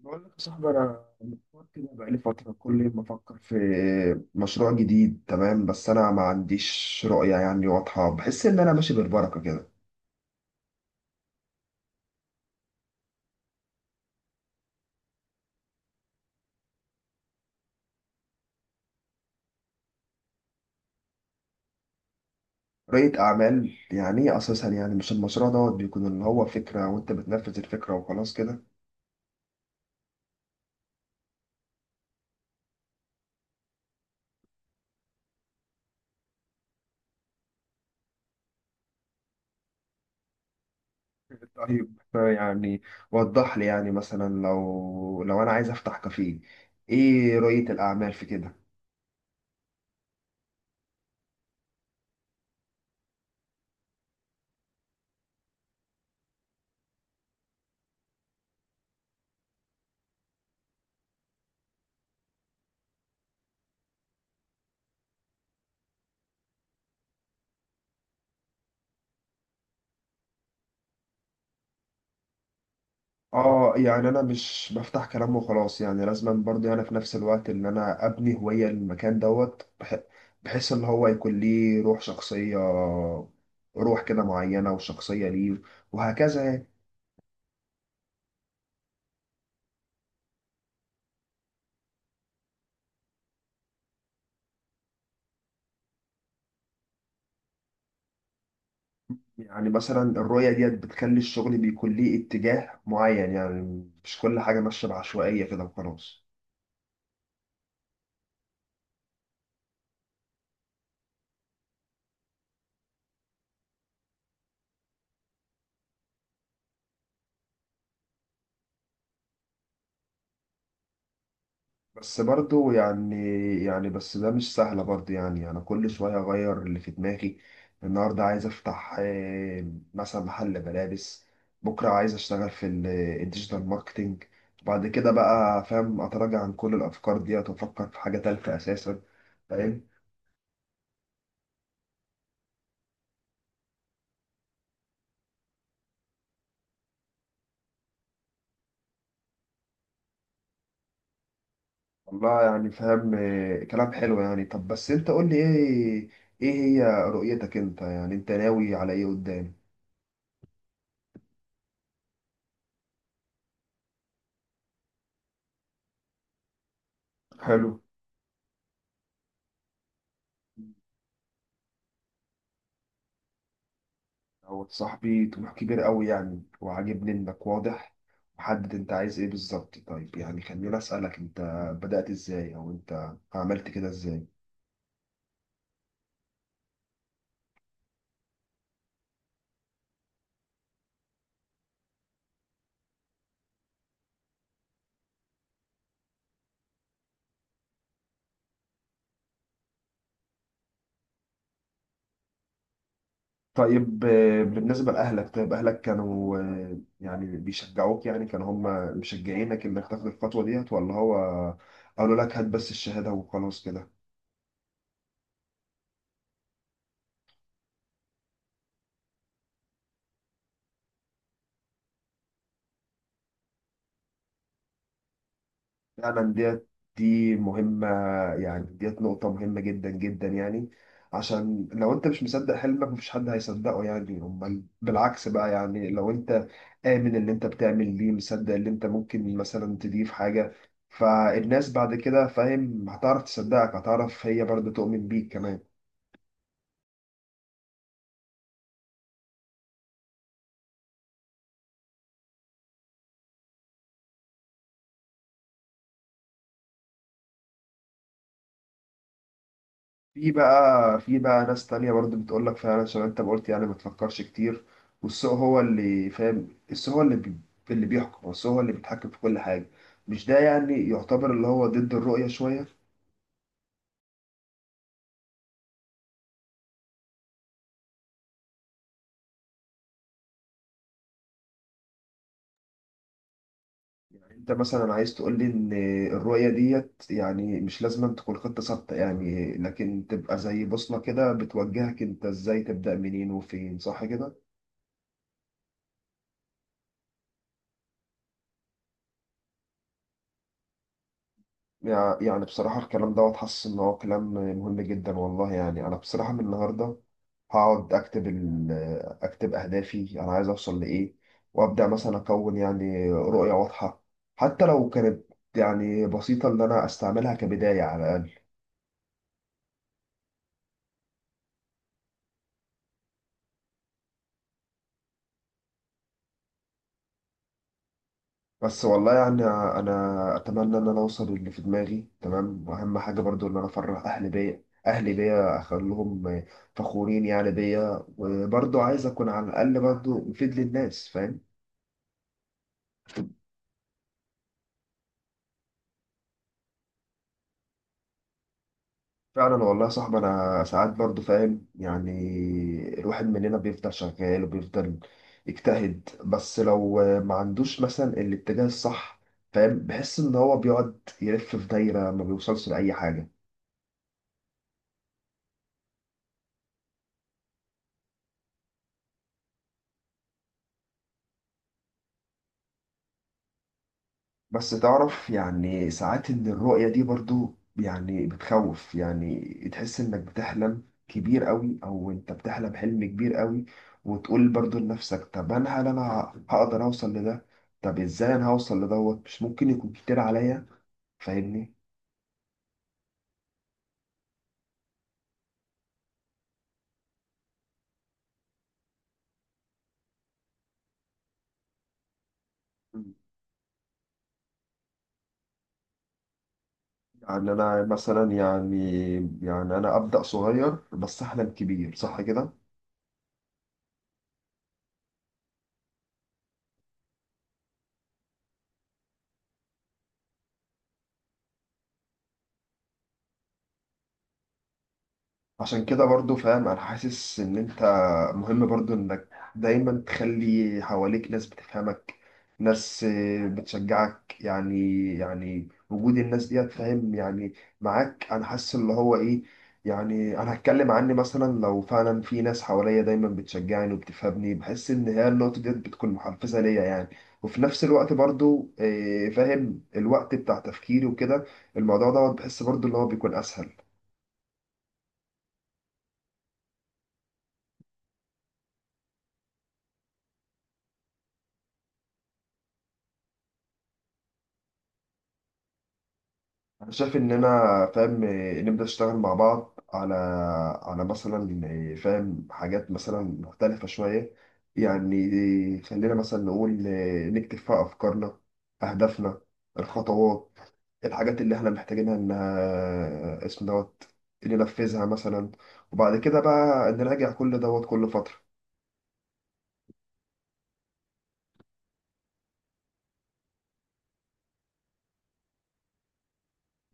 بقول لك يا صاحبي، انا محتار كده بقالي فتره. كل يوم بفكر في مشروع جديد، تمام، بس انا ما عنديش رؤيه يعني واضحه. بحس ان انا ماشي بالبركه كده. رؤيه اعمال يعني ايه اساسا؟ يعني مش المشروع دوت بيكون اللي هو فكره وانت بتنفذ الفكره وخلاص كده؟ طيب يعني وضح لي، يعني مثلا لو انا عايز افتح كافيه، ايه رؤيه الاعمال في كده؟ اه، يعني انا مش بفتح كلام وخلاص، يعني لازم برضه انا في نفس الوقت ان انا ابني هوية للمكان دوت بحيث ان هو يكون ليه روح شخصية، روح كده معينة وشخصية ليه، وهكذا يعني. يعني مثلا الرؤية ديت بتخلي الشغل بيكون ليه اتجاه معين، يعني مش كل حاجة ماشية بعشوائية كده وخلاص. بس برضو يعني بس ده مش سهلة برضو، يعني أنا كل شوية أغير اللي في دماغي. النهاردة عايز أفتح مثلا محل ملابس، بكرة عايز أشتغل في الديجيتال ماركتينج، بعد كده بقى فاهم أتراجع عن كل الأفكار ديت وأفكر في حاجة تالتة أساسا، فاهم. والله يعني فاهم، كلام حلو يعني. طب بس أنت قول لي إيه هي رؤيتك أنت؟ يعني أنت ناوي على إيه قدام؟ حلو. هو صاحبي طموح كبير قوي يعني، وعاجبني انك واضح وحدد انت عايز ايه بالظبط. طيب يعني خليني اسالك انت بدات ازاي، او انت عملت كده ازاي؟ طيب بالنسبه لاهلك، طيب اهلك كانوا يعني بيشجعوك، يعني كانوا هم مشجعينك انك تاخد الخطوه ديت، ولا هو قالوا لك هات بس الشهاده وخلاص كده؟ فعلا دي مهمة، يعني ديت نقطة مهمة جدا جدا يعني. عشان لو انت مش مصدق حلمك مفيش حد هيصدقه يعني. امال بالعكس بقى، يعني لو انت آمن اللي انت بتعمل ليه، مصدق اللي انت ممكن مثلا تضيف حاجة، فالناس بعد كده فاهم هتعرف تصدقك، هتعرف هي برضه تؤمن بيك كمان. في بقى ناس تانية برضو بتقول لك فعلا، عشان انت ما قلت، يعني ما تفكرش كتير، والسوق هو اللي فاهم، السوق هو اللي اللي بيحكم، والسوق هو اللي بيتحكم في كل حاجة. مش ده يعني يعتبر اللي هو ضد الرؤية شوية؟ يعني انت مثلا عايز تقول لي ان الرؤية ديت يعني مش لازم أن تكون خطة ثابتة، يعني لكن تبقى زي بوصلة كده بتوجهك انت ازاي تبدأ منين وفين، صح كده؟ يعني بصراحة الكلام دوت حاسس ان هو كلام مهم جدا والله، يعني انا بصراحة من النهاردة هقعد اكتب اهدافي انا عايز اوصل لايه، وابدا مثلا اكون يعني رؤيه واضحه، حتى لو كانت يعني بسيطه، ان انا استعملها كبدايه على الاقل. بس والله يعني انا اتمنى ان انا اوصل اللي في دماغي، تمام، واهم حاجه برضو ان انا افرح اهلي بيا اخليهم فخورين يعني بيا، وبرضو عايز اكون على الاقل برضو مفيد للناس، فاهم. فعلا والله يا صاحبي انا ساعات برضو فاهم يعني الواحد مننا بيفضل شغال وبيفضل يجتهد، بس لو ما عندوش مثلا الاتجاه الصح، فاهم، بحس ان هو بيقعد يلف في دايرة ما بيوصلش لأي حاجة. بس تعرف يعني ساعات ان الرؤية دي برضو يعني بتخوف، يعني تحس انك بتحلم كبير قوي، او انت بتحلم حلم كبير قوي، وتقول برضو لنفسك طب هل انا هقدر اوصل لده؟ طب ازاي انا هوصل لدوت؟ مش ممكن يكون كتير عليا؟ فاهمني؟ يعني انا مثلا يعني انا ابدا صغير بس احلم كبير، صح كده؟ عشان كده برضو فاهم انا حاسس ان انت مهم برضو انك دايما تخلي حواليك ناس بتفهمك، ناس بتشجعك، يعني وجود الناس دي فاهم يعني معاك انا حاسس اللي هو ايه، يعني انا هتكلم عني مثلا، لو فعلا في ناس حواليا دايما بتشجعني وبتفهمني، بحس ان هي النقطة دي بتكون محفزة ليا يعني. وفي نفس الوقت برضو فاهم الوقت بتاع تفكيري وكده، الموضوع دوت بحس برضو اللي هو بيكون اسهل. انا شايف ان انا فاهم إيه، نبدا نشتغل مع بعض على مثلا إيه، فاهم حاجات مثلا مختلفه شويه يعني. خلينا مثلا نقول إيه، نكتب فيها افكارنا، اهدافنا، الخطوات، الحاجات اللي احنا محتاجينها انها اسم دوت ننفذها مثلا، وبعد كده بقى نراجع كل دوت كل فتره.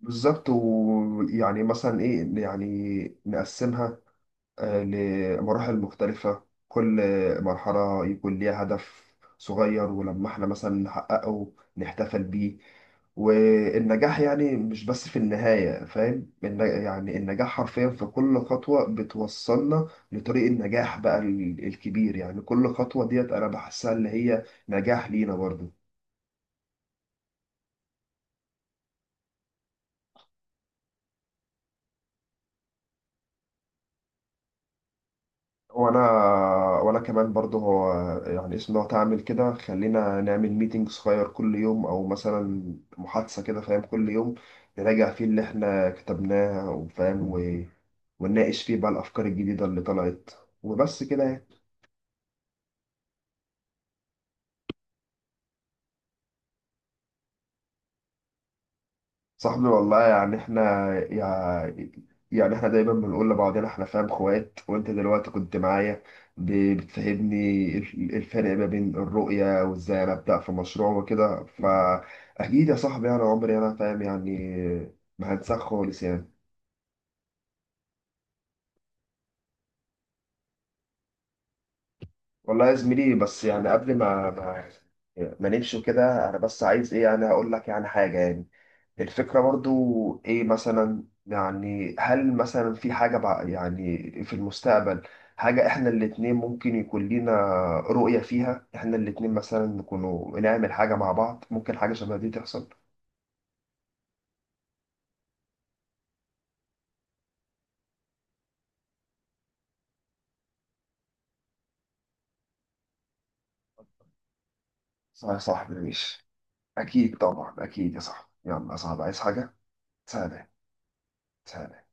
بالظبط، ويعني مثلا ايه يعني نقسمها لمراحل مختلفة. كل مرحلة يكون ليها هدف صغير، ولما احنا مثلا نحققه نحتفل بيه، والنجاح يعني مش بس في النهاية فاهم، يعني النجاح حرفيا في كل خطوة بتوصلنا لطريق النجاح بقى الكبير، يعني كل خطوة ديت أنا بحسها اللي هي نجاح لينا برضه. وانا وانا كمان برضه هو يعني اسم لو تعمل كده خلينا نعمل ميتنج صغير كل يوم، او مثلا محادثة كده فاهم كل يوم نراجع فيه اللي احنا كتبناه وفاهم ونناقش فيه بقى الافكار الجديدة اللي طلعت، وبس كده يعني. صاحبي والله يعني احنا يعني احنا دايما بنقول لبعضنا احنا فاهم اخوات، وانت دلوقتي كنت معايا بتفهمني الفرق ما بين الرؤية وازاي انا ابدأ في مشروع وكده، فاكيد يا صاحبي انا عمري انا فاهم يعني ما هنساك خالص يعني. والله يا زميلي، بس يعني قبل ما نمشي كده انا بس عايز ايه يعني اقول لك يعني حاجة، يعني الفكرة برضو إيه مثلا؟ يعني هل مثلا في حاجة يعني في المستقبل حاجة إحنا الاتنين ممكن يكون لينا رؤية فيها إحنا الاتنين مثلا نكونوا نعمل حاجة مع بعض؟ ممكن حاجة شبه دي تحصل؟ صح يا صاحبي، ماشي، أكيد طبعا، أكيد يا صاحبي، يلا يا صاحبي، عايز حاجة؟ سلام. سلام.